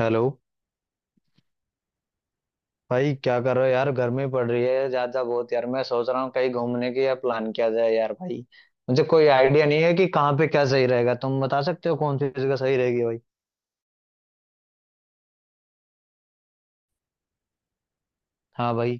Hello. भाई क्या कर रहे हो यार? गर्मी पड़ रही है ज्यादा बहुत यार। मैं सोच रहा हूँ कहीं घूमने की यार, प्लान किया जाए यार भाई। मुझे कोई आइडिया नहीं है कि कहाँ पे क्या सही रहेगा। तुम बता सकते हो कौन सी जगह सही रहेगी भाई? हाँ भाई।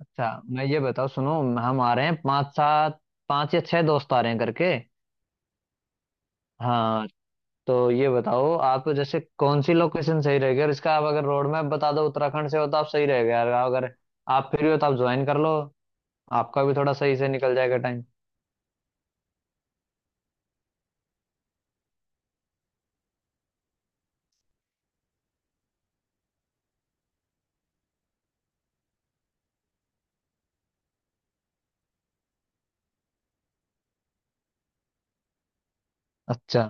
अच्छा, मैं ये बताओ, सुनो, हम आ रहे हैं पाँच सात, पाँच या छह दोस्त आ रहे हैं करके। हाँ, तो ये बताओ आप जैसे कौन सी लोकेशन सही रहेगी, और इसका आप अगर रोड मैप बता दो। उत्तराखंड से हो तो आप सही रहेगा यार, अगर आप फ्री हो तो आप ज्वाइन कर लो, आपका भी थोड़ा सही से निकल जाएगा टाइम। अच्छा,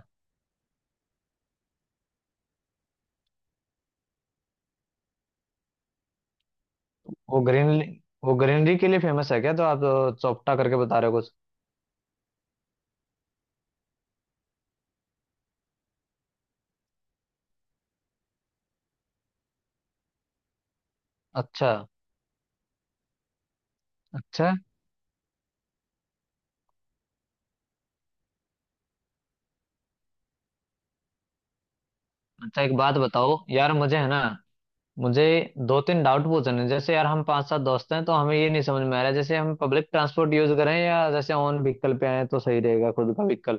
वो ग्रीनरी, वो ग्रीनरी के लिए फेमस है क्या? तो आप चौपटा करके बता रहे हो कुछ? अच्छा। अच्छा, अच्छा, एक बात बताओ यार मुझे, है ना? मुझे दो तीन डाउट पूछने हैं। जैसे यार हम पांच सात दोस्त हैं तो हमें ये नहीं समझ में आ रहा है, जैसे हम पब्लिक ट्रांसपोर्ट यूज करें या जैसे ओन व्हीकल पे आए तो सही रहेगा, खुद का व्हीकल।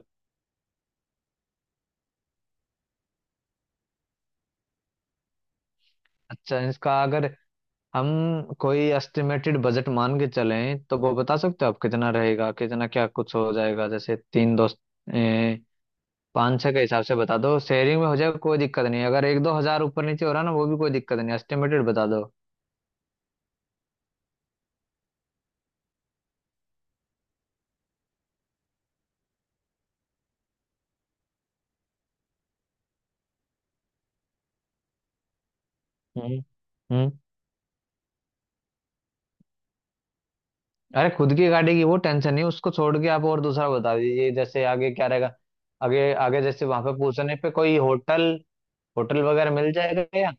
अच्छा, इसका अगर हम कोई एस्टिमेटेड बजट मान के चलें तो वो बता सकते हो आप कितना रहेगा, कितना क्या कुछ हो जाएगा? जैसे तीन दोस्त 500 के हिसाब से बता दो, शेयरिंग में हो जाएगा, कोई दिक्कत नहीं। अगर एक दो हजार ऊपर नीचे हो रहा ना, वो भी कोई दिक्कत नहीं। एस्टिमेटेड बता दो। हम्म, हम्म। अरे खुद की गाड़ी की वो टेंशन नहीं, उसको छोड़ के आप और दूसरा बता दीजिए, जैसे आगे क्या रहेगा? आगे आगे जैसे वहां पे पूछने पे कोई होटल, होटल वगैरह मिल जाएगा या?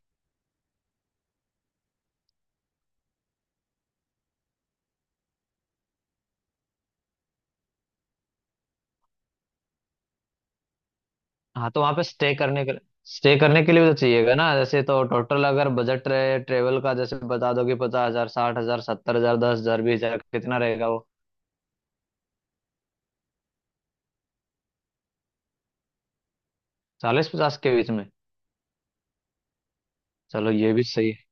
हाँ, तो वहां पे स्टे करने के लिए भी तो चाहिएगा ना जैसे। तो टोटल अगर बजट रहे ट्रेवल का, जैसे बता दो कि 50,000, 60,000, 70,000, 10,000, 20,000, कितना रहेगा वो? चालीस पचास के बीच में? चलो, ये भी सही है।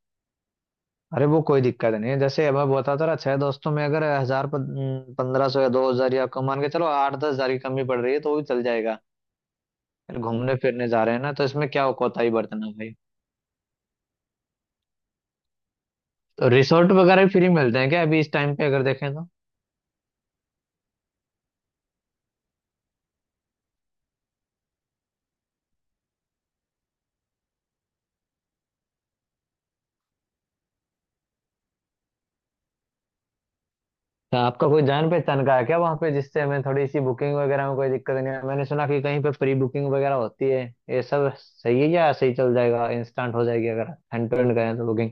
अरे वो कोई दिक्कत नहीं है, जैसे अब मैं बताता रहा छह दोस्तों में अगर हजार पंद्रह सौ या 2,000 या कम मान के चलो, आठ दस हजार की कमी पड़ रही है तो वो भी चल जाएगा। फिर घूमने फिरने जा रहे हैं ना, तो इसमें क्या कोताही बरतना भाई। तो रिसोर्ट वगैरह भी फ्री मिलते हैं क्या अभी इस टाइम पे अगर देखें तो? क्या आपका कोई जान पहचान का है क्या वहाँ पे, जिससे हमें थोड़ी सी बुकिंग वगैरह में कोई दिक्कत नहीं है? मैंने सुना कि कहीं पे प्री बुकिंग वगैरह होती है, ये सब सही है या सही चल जाएगा, इंस्टेंट हो जाएगी अगर हैंड टू हैंड गए तो बुकिंग?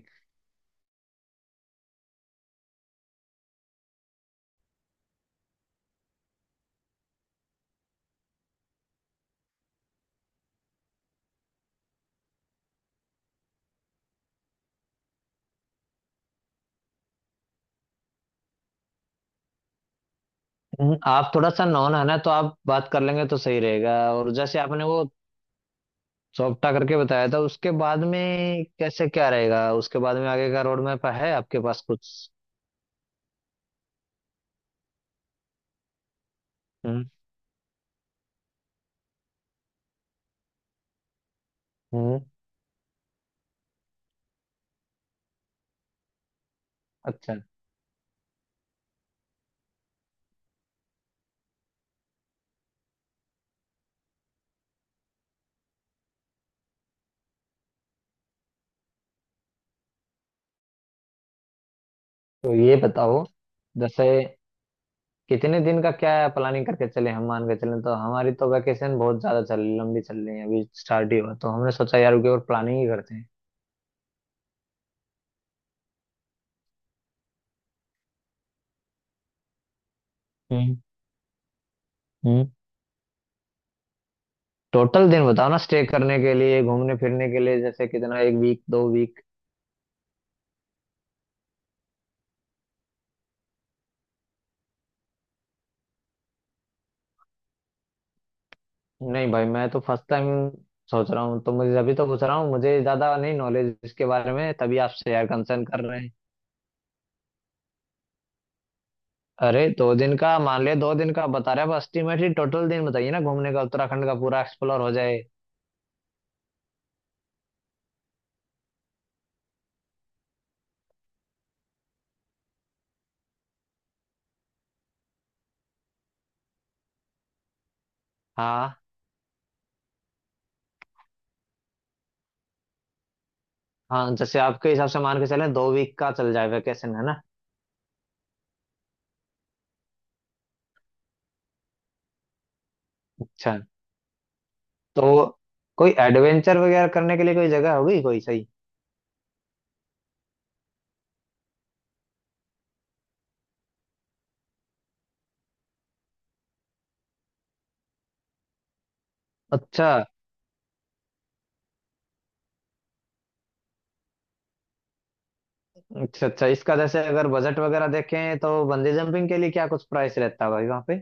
आप थोड़ा सा नॉन है ना, तो आप बात कर लेंगे तो सही रहेगा। और जैसे आपने वो सौंपटा करके बताया था उसके बाद में कैसे क्या रहेगा, उसके बाद में आगे का रोड मैप है आपके पास कुछ? हम्म, हम्म। अच्छा, तो ये बताओ जैसे कितने दिन का क्या प्लानिंग करके चले, हम मान के चले तो हमारी तो वैकेशन बहुत ज्यादा चल लंबी चल रही है, अभी स्टार्ट ही हुआ तो हमने सोचा यार उसके ऊपर प्लानिंग ही करते हैं। हम्म, हम्म। टोटल दिन बताओ ना स्टे करने के लिए, घूमने फिरने के लिए, जैसे कितना, एक वीक, 2 वीक? नहीं भाई, मैं तो फर्स्ट टाइम सोच रहा हूँ तो मुझे अभी तो पूछ रहा हूँ, मुझे ज्यादा नहीं नॉलेज इसके बारे में, तभी आपसे यार कंसर्न कर रहे हैं। अरे 2 दिन का मान लिया, 2 दिन का बता रहे हैं एस्टिमेट ही। टोटल दिन बताइए ना घूमने का, उत्तराखंड का पूरा एक्सप्लोर हो जाए। हाँ हाँ, जैसे आपके हिसाब से मान के चले 2 वीक का चल जाए वैकेशन, है ना? अच्छा। तो कोई एडवेंचर वगैरह करने के लिए कोई जगह होगी कोई सही? अच्छा, अच्छा। अच्छा, इसका जैसे अगर बजट वगैरह देखें तो बंजी जंपिंग के लिए क्या कुछ प्राइस रहता है भाई वहाँ पे?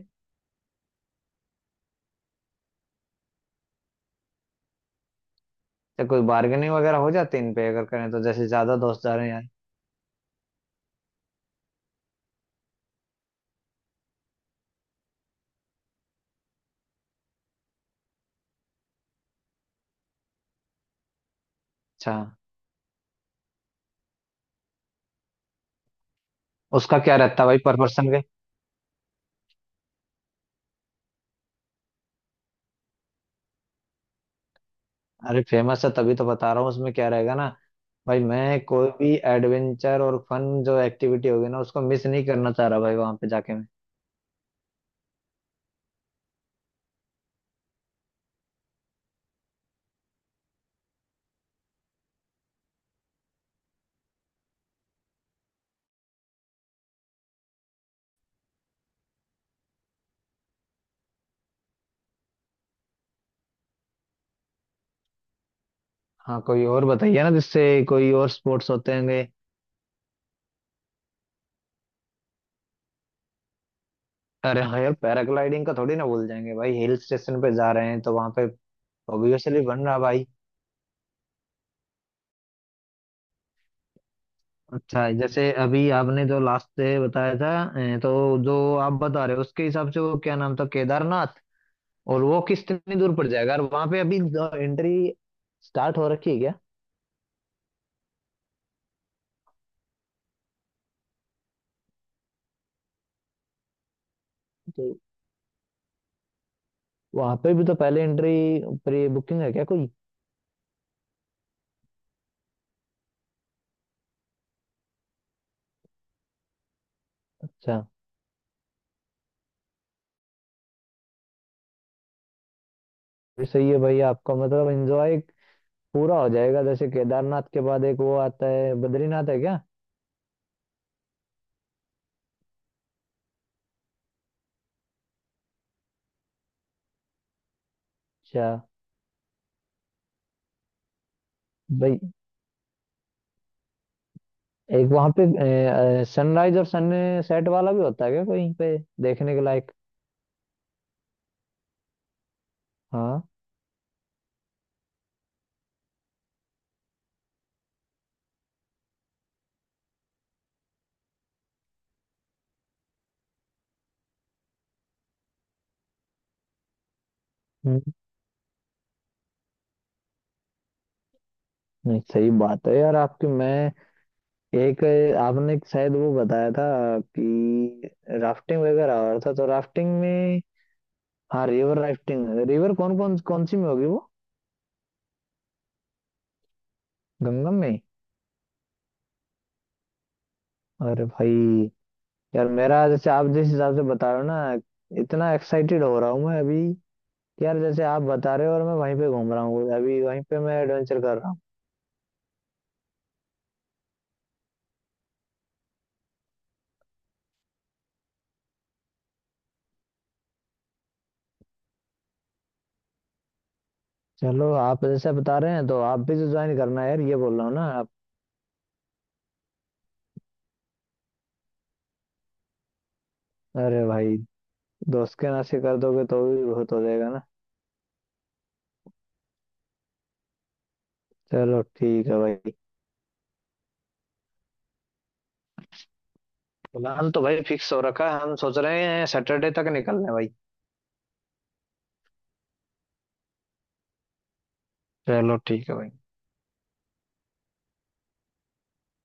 या कोई बार्गेनिंग वगैरह हो जाती है इन पे अगर करें तो, जैसे ज्यादा दोस्त जा रहे हैं यार। अच्छा, उसका क्या रहता है भाई पर पर्सन के? अरे फेमस है तभी तो बता रहा हूँ उसमें क्या रहेगा ना। भाई मैं कोई भी एडवेंचर और फन जो एक्टिविटी होगी ना, उसको मिस नहीं करना चाह रहा भाई वहां पे जाके मैं। हाँ, कोई और बताइए ना, जिससे कोई और स्पोर्ट्स होते होंगे। अरे हाँ यार, पैराग्लाइडिंग का थोड़ी ना भूल जाएंगे भाई, हिल स्टेशन पे जा रहे हैं तो वहां पे ऑब्वियसली बन रहा भाई। अच्छा, जैसे अभी आपने जो लास्ट से बताया था, तो जो आप बता रहे हो उसके हिसाब से, वो क्या नाम था, केदारनाथ? और वो कितनी दूर पड़ जाएगा, और वहां पे अभी एंट्री स्टार्ट हो रखी है क्या? तो वहां पे भी तो पहले एंट्री, प्री बुकिंग है क्या कोई? अच्छा, ये सही है भाई आपका, मतलब एंजॉय पूरा हो जाएगा। जैसे केदारनाथ के बाद एक वो आता है बद्रीनाथ है क्या? अच्छा। भाई एक वहां पे सनराइज और सनसेट वाला भी होता है क्या कहीं पे देखने के लायक? हाँ। हम्म। नहीं, सही बात है यार आपकी। मैं एक, आपने एक शायद वो बताया था कि राफ्टिंग वगैरह हो रहा था, तो राफ्टिंग में, हाँ रिवर राफ्टिंग, रिवर कौन कौन कौन सी में होगी वो? गंगा में? अरे भाई। यार मेरा जैसे आप जिस हिसाब से बता रहे हो ना, इतना एक्साइटेड हो रहा हूँ मैं अभी कि यार जैसे आप बता रहे हो और मैं वहीं पे घूम रहा हूँ अभी, वहीं पे मैं एडवेंचर कर रहा हूँ। चलो, आप जैसे बता रहे हैं तो आप भी तो ज्वाइन करना है यार, ये बोल रहा हूँ ना आप। अरे भाई, दोस्त के नाते कर दोगे तो भी बहुत हो जाएगा ना। चलो ठीक है भाई। प्लान तो भाई फिक्स हो रखा है, हम सोच रहे हैं सैटरडे तक निकलने भाई। चलो ठीक है भाई।